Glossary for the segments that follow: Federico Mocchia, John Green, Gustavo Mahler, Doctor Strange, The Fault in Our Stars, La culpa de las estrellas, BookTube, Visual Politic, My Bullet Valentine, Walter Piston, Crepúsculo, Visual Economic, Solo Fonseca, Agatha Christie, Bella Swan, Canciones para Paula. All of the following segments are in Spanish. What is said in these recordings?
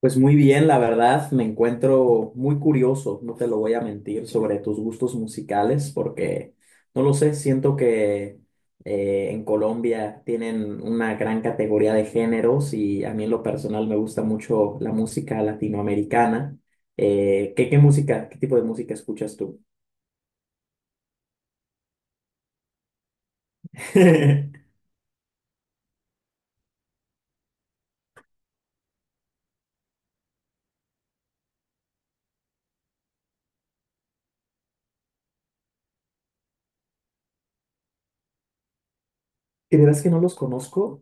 Pues muy bien, la verdad, me encuentro muy curioso, no te lo voy a mentir, sobre tus gustos musicales, porque no lo sé, siento que en Colombia tienen una gran categoría de géneros y a mí en lo personal me gusta mucho la música latinoamericana. ¿Qué música, ¿qué tipo de música escuchas tú? ¿De veras que no los conozco?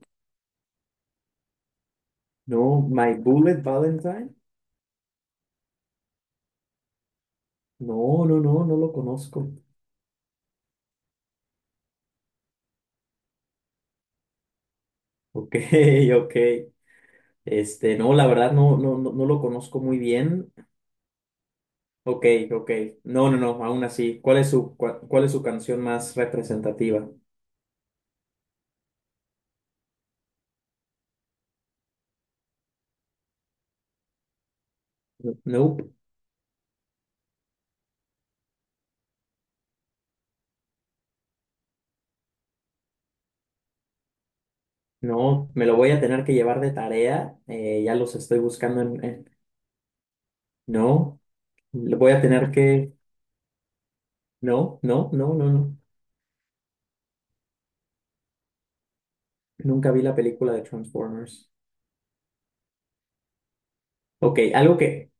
No, My Bullet Valentine. No, no, no, no lo conozco. Ok, ok. Este, no, la verdad, no, no, no, no lo conozco muy bien. Ok, ok. No, no, no, aún así. ¿Cuál es su canción más representativa? Nope. No, me lo voy a tener que llevar de tarea. Ya los estoy buscando en. No, lo voy a tener que... No, no, no, no, no. Nunca vi la película de Transformers. Ok, algo que,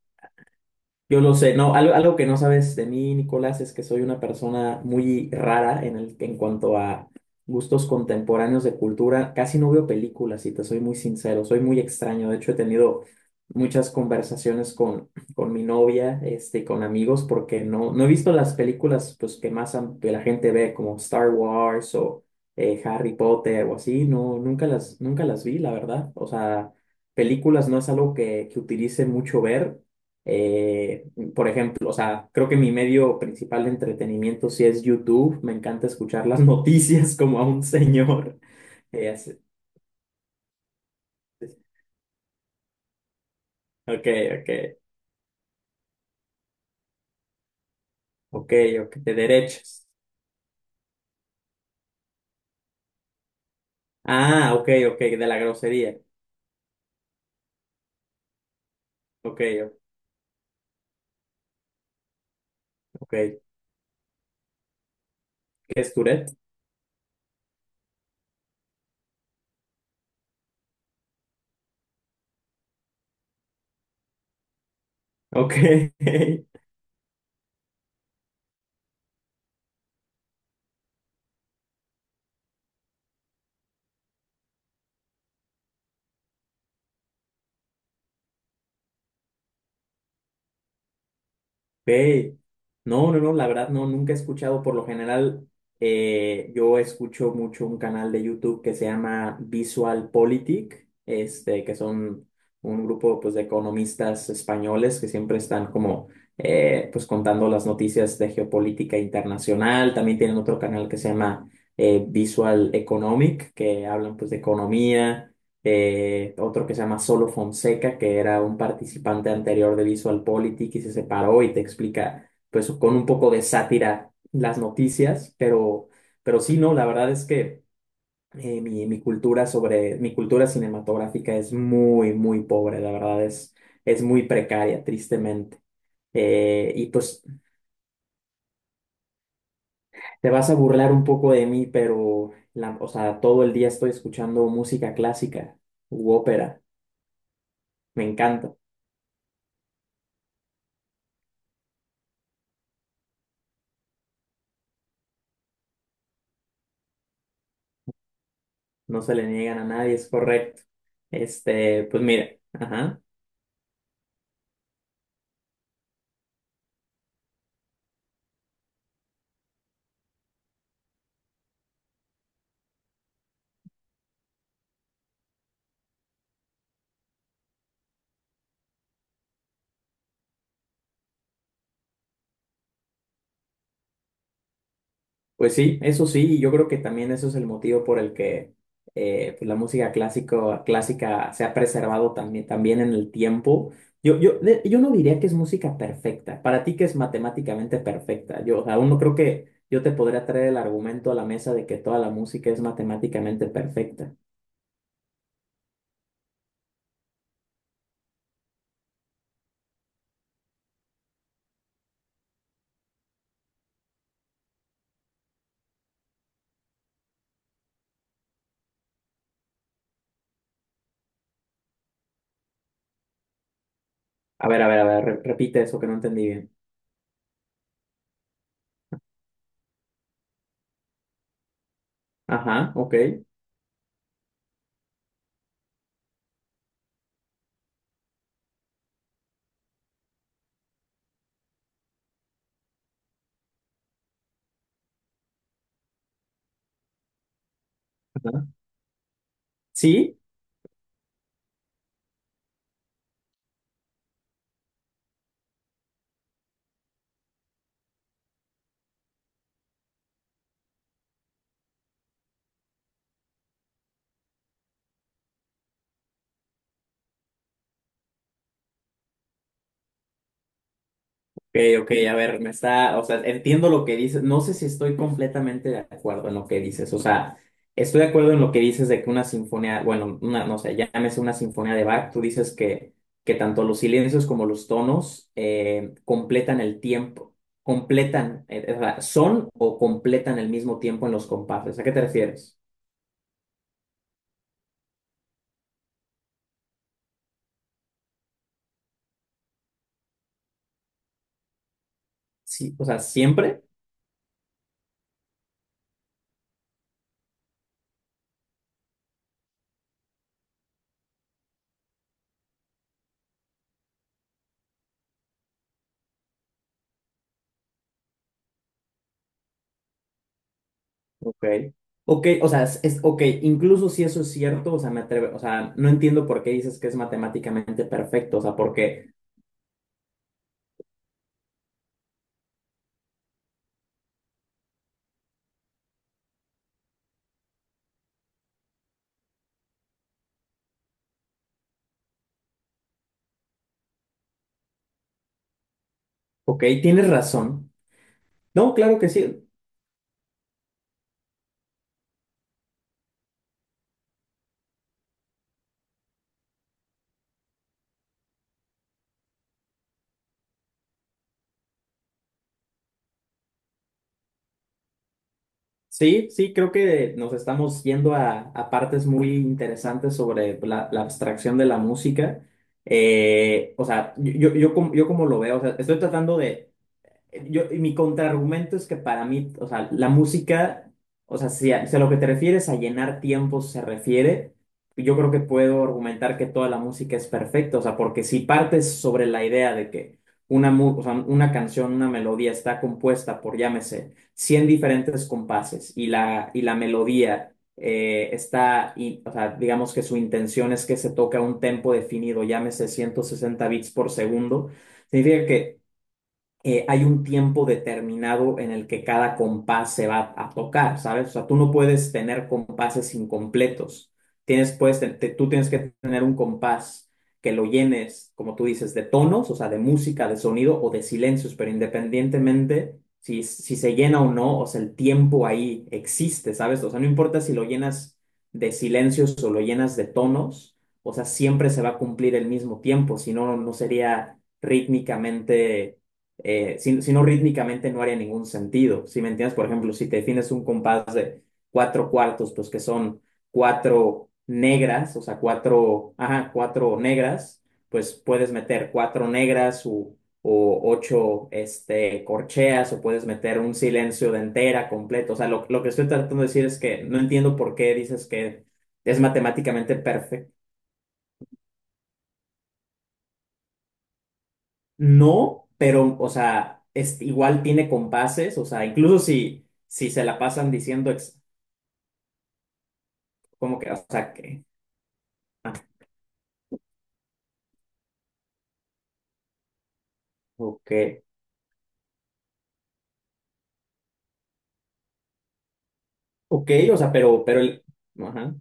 yo lo sé, no, algo que no sabes de mí, Nicolás, es que soy una persona muy rara en el, en cuanto a gustos contemporáneos de cultura. Casi no veo películas, y te soy muy sincero, soy muy extraño. De hecho, he tenido muchas conversaciones con, mi novia, este, y con amigos, porque no he visto las películas, pues, que más que la gente ve, como Star Wars o Harry Potter o así. No, nunca las vi, la verdad. O sea, películas no es algo que utilice mucho ver. Eh, por ejemplo, o sea, creo que mi medio principal de entretenimiento sí es YouTube. Me encanta escuchar las noticias como a un señor. Eh, así- ok, ok, ok, ok, de derechos. Ah, ok, ok, de la grosería. Ok, ok. ¿Qué es Tourette? Ok. Ve. No, no, no, la verdad, no, nunca he escuchado. Por lo general, yo escucho mucho un canal de YouTube que se llama Visual Politic, este, que son un grupo, pues, de economistas españoles que siempre están como pues, contando las noticias de geopolítica internacional. También tienen otro canal que se llama Visual Economic, que hablan, pues, de economía, otro que se llama Solo Fonseca, que era un participante anterior de VisualPolitik y se separó y te explica, pues, con un poco de sátira las noticias, pero sí, no, la verdad es que mi cultura cinematográfica es muy, muy pobre, la verdad es muy precaria, tristemente. Y pues te vas a burlar un poco de mí, pero o sea, todo el día estoy escuchando música clásica u ópera. Me encanta. No se le niegan a nadie, es correcto. Este, pues mira, ajá. Pues sí, eso sí, y yo creo que también eso es el motivo por el que pues la música clásica se ha preservado también, también en el tiempo. Yo no diría que es música perfecta, para ti que es matemáticamente perfecta. Yo, o sea, aún no creo que yo te podría traer el argumento a la mesa de que toda la música es matemáticamente perfecta. A ver, a ver, a ver, repite eso que no entendí bien. Ajá, ok. Ajá. Sí. Ok, ok, a ver, o sea, entiendo lo que dices, no sé si estoy completamente de acuerdo en lo que dices. O sea, estoy de acuerdo en lo que dices de que una sinfonía, bueno, una, no sé, llámese una sinfonía de Bach, tú dices que, tanto los silencios como los tonos completan el tiempo, completan, o sea, son o completan el mismo tiempo en los compases, ¿a qué te refieres? Sí, o sea, ¿siempre? Ok, ok, o sea, ok, incluso si eso es cierto, o sea, o sea, no entiendo por qué dices que es matemáticamente perfecto, o sea, porque, ok, tienes razón. No, claro que sí, sí, sí, creo que nos estamos yendo a partes muy interesantes sobre la, la abstracción de la música. O sea, yo como lo veo, o sea, estoy tratando de... Yo, y mi contraargumento es que para mí, o sea, la música, o sea, si a lo que te refieres a llenar tiempos se refiere, yo creo que puedo argumentar que toda la música es perfecta, o sea, porque si partes sobre la idea de que una, o sea, una canción, una melodía está compuesta por, llámese, 100 diferentes compases y la melodía o sea, digamos que su intención es que se toque a un tempo definido, llámese 160 bits por segundo, significa que hay un tiempo determinado en el que cada compás se va a tocar, ¿sabes? O sea, tú no puedes tener compases incompletos. Tienes, pues, te- te- tú tienes que tener un compás que lo llenes, como tú dices, de tonos, o sea, de música, de sonido o de silencios, pero independientemente si se llena o no, o sea, el tiempo ahí existe, ¿sabes? O sea, no importa si lo llenas de silencios o lo llenas de tonos, o sea, siempre se va a cumplir el mismo tiempo, si no, no sería rítmicamente, si no rítmicamente no haría ningún sentido. Si me entiendes, por ejemplo, si te defines un compás de cuatro cuartos, pues que son cuatro negras, o sea, cuatro, ajá, cuatro negras, pues puedes meter cuatro negras o ocho, este, corcheas, o puedes meter un silencio de entera completo. O sea, lo que estoy tratando de decir es que no entiendo por qué dices que es matemáticamente perfecto. No, pero, o sea, es, igual tiene compases, o sea, incluso si se la pasan diciendo como que, o sea, que, ok, ok, o sea, pero, el, ajá,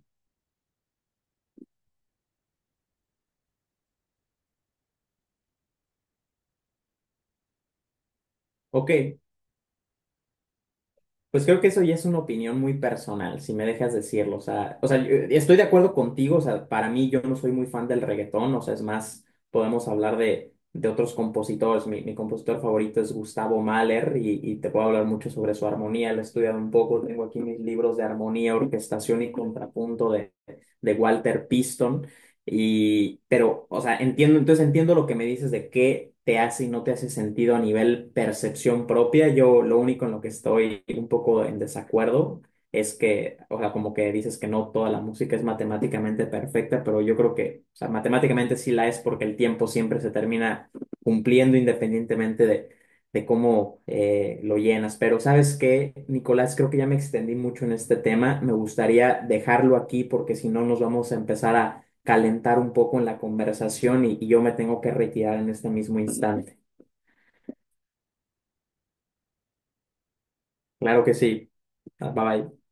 ok. Pues creo que eso ya es una opinión muy personal, si me dejas decirlo. O sea, yo, estoy de acuerdo contigo. O sea, para mí, yo no soy muy fan del reggaetón. O sea, es más, podemos hablar de otros compositores. Mi compositor favorito es Gustavo Mahler y te puedo hablar mucho sobre su armonía. Lo he estudiado un poco. Tengo aquí mis libros de armonía, orquestación y contrapunto de, Walter Piston. Y, pero, o sea, entonces entiendo lo que me dices de qué te hace y no te hace sentido a nivel percepción propia. Yo lo único en lo que estoy un poco en desacuerdo es que, o sea, como que dices que no toda la música es matemáticamente perfecta, pero yo creo que, o sea, matemáticamente sí la es porque el tiempo siempre se termina cumpliendo independientemente de cómo lo llenas. Pero, ¿sabes qué, Nicolás? Creo que ya me extendí mucho en este tema. Me gustaría dejarlo aquí porque si no nos vamos a empezar a calentar un poco en la conversación y yo me tengo que retirar en este mismo instante. Claro que sí. Bye bye.